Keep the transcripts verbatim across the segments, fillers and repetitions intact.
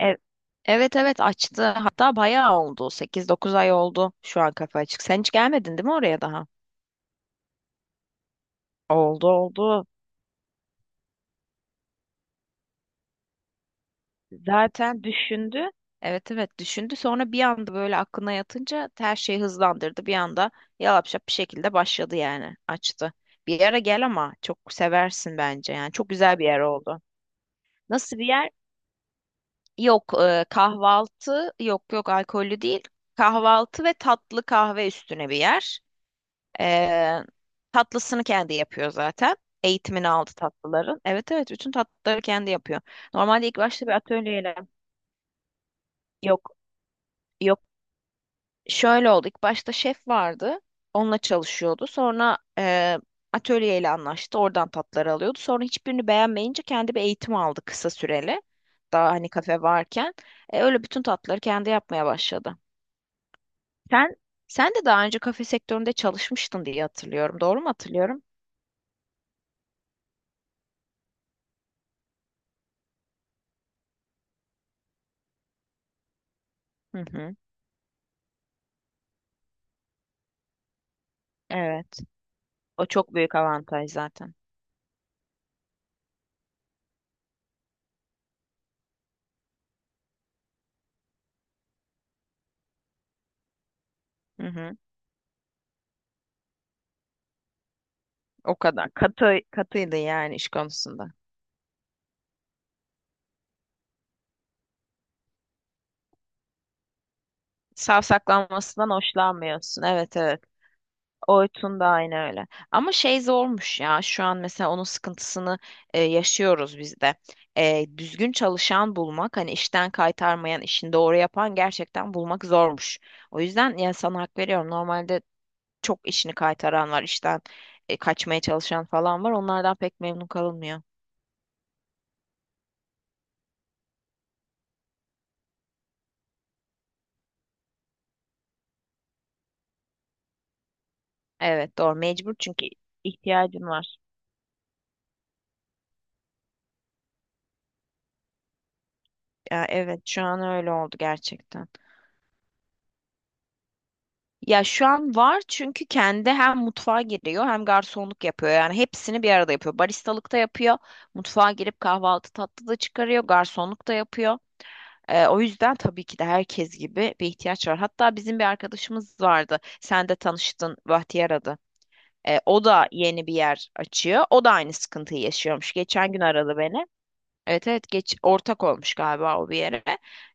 E- Evet evet açtı. Hatta bayağı oldu. Sekiz, dokuz ay oldu şu an kafa açık. Sen hiç gelmedin değil mi oraya daha? Oldu oldu. Zaten düşündü. Evet evet düşündü. Sonra bir anda böyle aklına yatınca her şeyi hızlandırdı. Bir anda yalapşap bir şekilde başladı yani. Açtı. Bir yere gel ama çok seversin bence yani. Çok güzel bir yer oldu. Nasıl bir yer? Yok e, kahvaltı yok yok alkollü değil. Kahvaltı ve tatlı kahve üstüne bir yer. Ee, tatlısını kendi yapıyor zaten. Eğitimini aldı tatlıların. Evet evet bütün tatlıları kendi yapıyor. Normalde ilk başta bir atölyeyle yok yok şöyle oldu. İlk başta şef vardı. Onunla çalışıyordu. Sonra e, atölyeyle anlaştı. Oradan tatları alıyordu. Sonra hiçbirini beğenmeyince kendi bir eğitim aldı kısa süreli. Daha hani kafe varken. E, öyle bütün tatları kendi yapmaya başladı. Sen sen de daha önce kafe sektöründe çalışmıştın diye hatırlıyorum. Doğru mu hatırlıyorum? Hı hı. Evet. O çok büyük avantaj zaten. Hı hı. O kadar. Katı, katıydı yani iş konusunda. Savsaklanmasından hoşlanmıyorsun. Evet evet. Oytun da aynı öyle. Ama şey zormuş ya. Şu an mesela onun sıkıntısını e, yaşıyoruz biz de. E, düzgün çalışan bulmak, hani işten kaytarmayan, işini doğru yapan gerçekten bulmak zormuş. O yüzden ya sana hak veriyorum. Normalde çok işini kaytaran var, işten e, kaçmaya çalışan falan var. Onlardan pek memnun kalınmıyor. Evet doğru mecbur çünkü ihtiyacın var. Ya, evet şu an öyle oldu gerçekten. Ya şu an var çünkü kendi hem mutfağa giriyor hem garsonluk yapıyor. Yani hepsini bir arada yapıyor. Baristalık da yapıyor. Mutfağa girip kahvaltı tatlı da çıkarıyor. Garsonluk da yapıyor. Ee, o yüzden tabii ki de herkes gibi bir ihtiyaç var. Hatta bizim bir arkadaşımız vardı. Sen de tanıştın Bahtiyar adı. Ee, o da yeni bir yer açıyor. O da aynı sıkıntıyı yaşıyormuş. Geçen gün aradı beni. Evet evet geç ortak olmuş galiba o bir yere.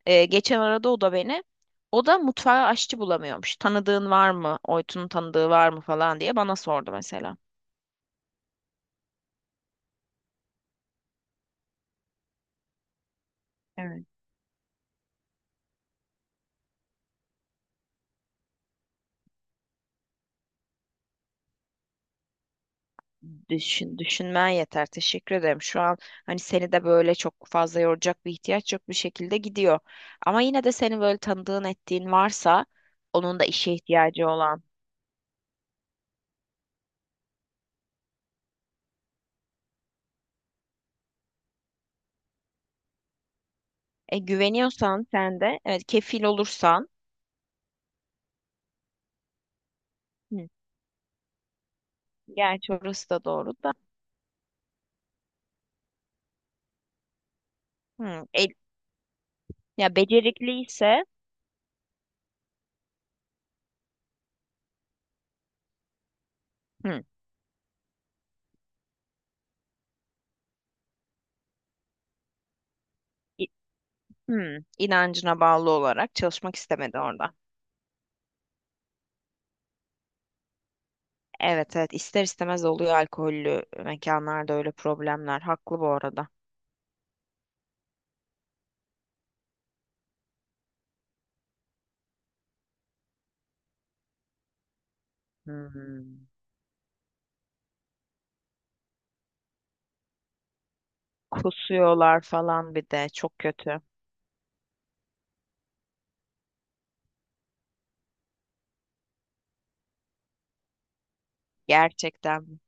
Ee, geçen arada o da beni. O da mutfağa aşçı bulamıyormuş. Tanıdığın var mı? Oytun'un tanıdığı var mı falan diye bana sordu mesela. Evet. Düşün, düşünmen yeter. Teşekkür ederim. Şu an hani seni de böyle çok fazla yoracak bir ihtiyaç yok bir şekilde gidiyor. Ama yine de senin böyle tanıdığın ettiğin varsa onun da işe ihtiyacı olan. E, güveniyorsan sen de evet kefil olursan. Hı. Gerçi orası da doğru da. Hı, el- ya becerikliyse. Hı. İ- hı. İnancına bağlı olarak çalışmak istemedi orada. Evet evet ister istemez oluyor alkollü mekanlarda öyle problemler. Haklı bu arada. Hmm. Kusuyorlar falan bir de çok kötü. Gerçekten.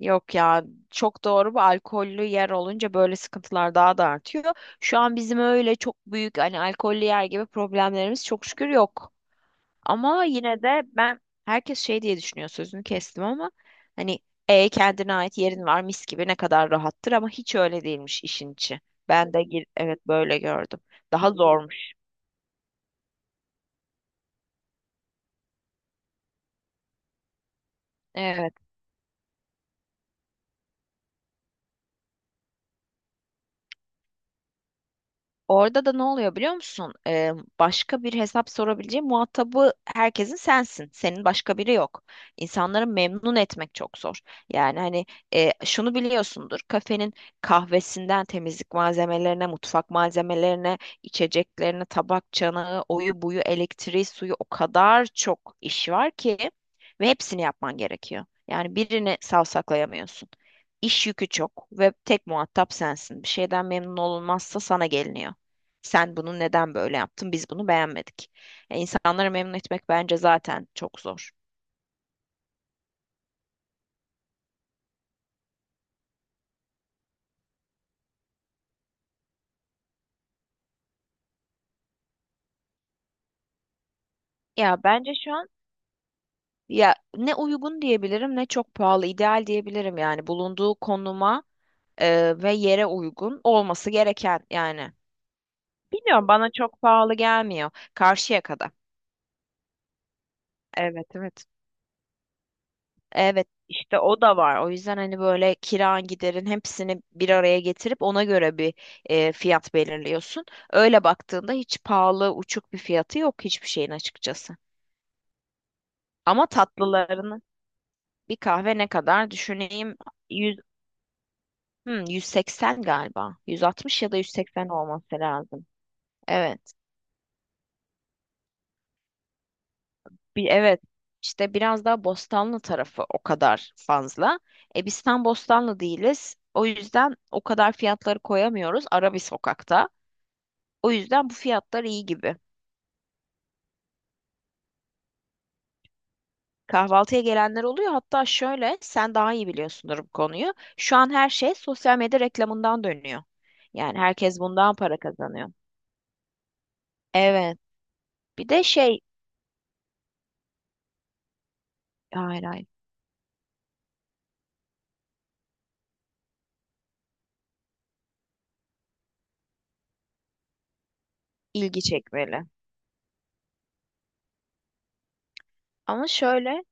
Yok ya çok doğru bu alkollü yer olunca böyle sıkıntılar daha da artıyor. Şu an bizim öyle çok büyük hani alkollü yer gibi problemlerimiz çok şükür yok. Ama yine de ben herkes şey diye düşünüyor sözünü kestim ama hani e kendine ait yerin var mis gibi ne kadar rahattır ama hiç öyle değilmiş işin içi. Ben de gir- evet böyle gördüm. Daha zormuş. Evet. Orada da ne oluyor biliyor musun? Ee, başka bir hesap sorabileceği muhatabı herkesin sensin. Senin başka biri yok. İnsanları memnun etmek çok zor. Yani hani e, şunu biliyorsundur. Kafenin kahvesinden temizlik malzemelerine, mutfak malzemelerine, içeceklerine, tabak çanağı, oyu buyu, elektriği, suyu o kadar çok iş var ki ve hepsini yapman gerekiyor. Yani birini savsaklayamıyorsun. İş yükü çok ve tek muhatap sensin. Bir şeyden memnun olunmazsa sana geliniyor. Sen bunu neden böyle yaptın? Biz bunu beğenmedik. Ya insanları memnun etmek bence zaten çok zor. Ya bence şu an ya ne uygun diyebilirim ne çok pahalı ideal diyebilirim yani bulunduğu konuma e, ve yere uygun olması gereken yani. Bilmiyorum bana çok pahalı gelmiyor. Karşıyaka'da. Evet evet. Evet işte o da var. O yüzden hani böyle kiran giderin hepsini bir araya getirip ona göre bir e, fiyat belirliyorsun. Öyle baktığında hiç pahalı uçuk bir fiyatı yok hiçbir şeyin açıkçası. Ama tatlılarını bir kahve ne kadar düşüneyim yüz, hmm, yüz seksen galiba. yüz altmış ya da yüz seksen olması lazım. Evet. Bir, evet. İşte biraz daha Bostanlı tarafı o kadar fazla. E biz tam Bostanlı değiliz. O yüzden o kadar fiyatları koyamıyoruz. Ara bir sokakta. O yüzden bu fiyatlar iyi gibi. Kahvaltıya gelenler oluyor. Hatta şöyle, sen daha iyi biliyorsundur bu konuyu. Şu an her şey sosyal medya reklamından dönüyor. Yani herkes bundan para kazanıyor. Evet. Bir de şey, hayır hayır, ilgi çekmeli. Ama şöyle,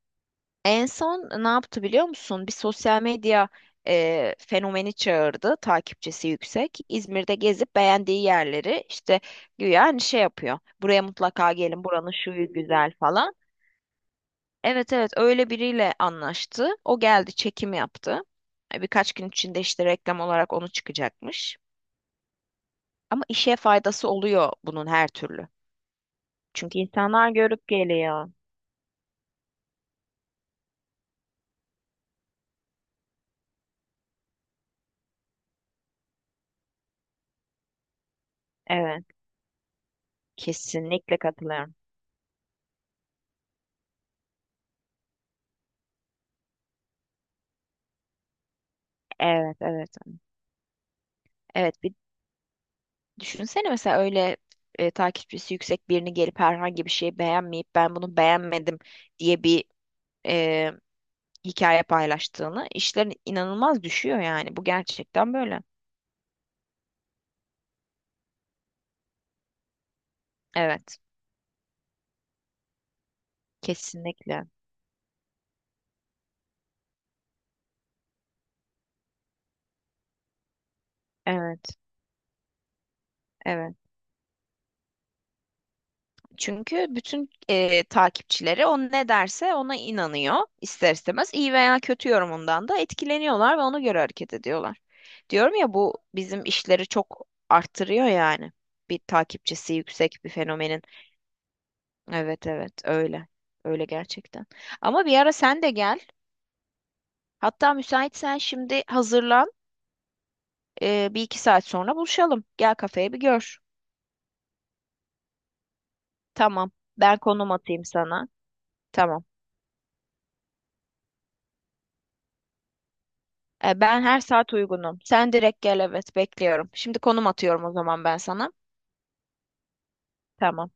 en son ne yaptı biliyor musun? Bir sosyal medya e, fenomeni çağırdı, takipçisi yüksek. İzmir'de gezip beğendiği yerleri işte güya hani şey yapıyor. Buraya mutlaka gelin, buranın şuyu güzel falan. Evet evet öyle biriyle anlaştı. O geldi çekim yaptı. E, Birkaç gün içinde işte reklam olarak onu çıkacakmış. Ama işe faydası oluyor bunun her türlü. Çünkü insanlar görüp geliyor. Evet, kesinlikle katılıyorum. Evet, evet. Evet, bir düşünsene mesela öyle e, takipçisi yüksek birini gelip herhangi bir şeyi beğenmeyip ben bunu beğenmedim diye bir e, hikaye paylaştığını işlerin inanılmaz düşüyor yani. Bu gerçekten böyle. Evet, kesinlikle. Evet, evet. Çünkü bütün e, takipçileri o ne derse ona inanıyor ister istemez. İyi veya kötü yorumundan da etkileniyorlar ve ona göre hareket ediyorlar. Diyorum ya bu bizim işleri çok arttırıyor yani. Bir takipçisi yüksek bir fenomenin. Evet, evet öyle. Öyle gerçekten. Ama bir ara sen de gel. Hatta müsaitsen şimdi hazırlan. E, bir iki saat sonra buluşalım. Gel kafeye bir gör. Tamam. Ben konum atayım sana. Tamam. E, ben her saat uygunum. Sen direkt gel evet bekliyorum. Şimdi konum atıyorum o zaman ben sana. Tamam.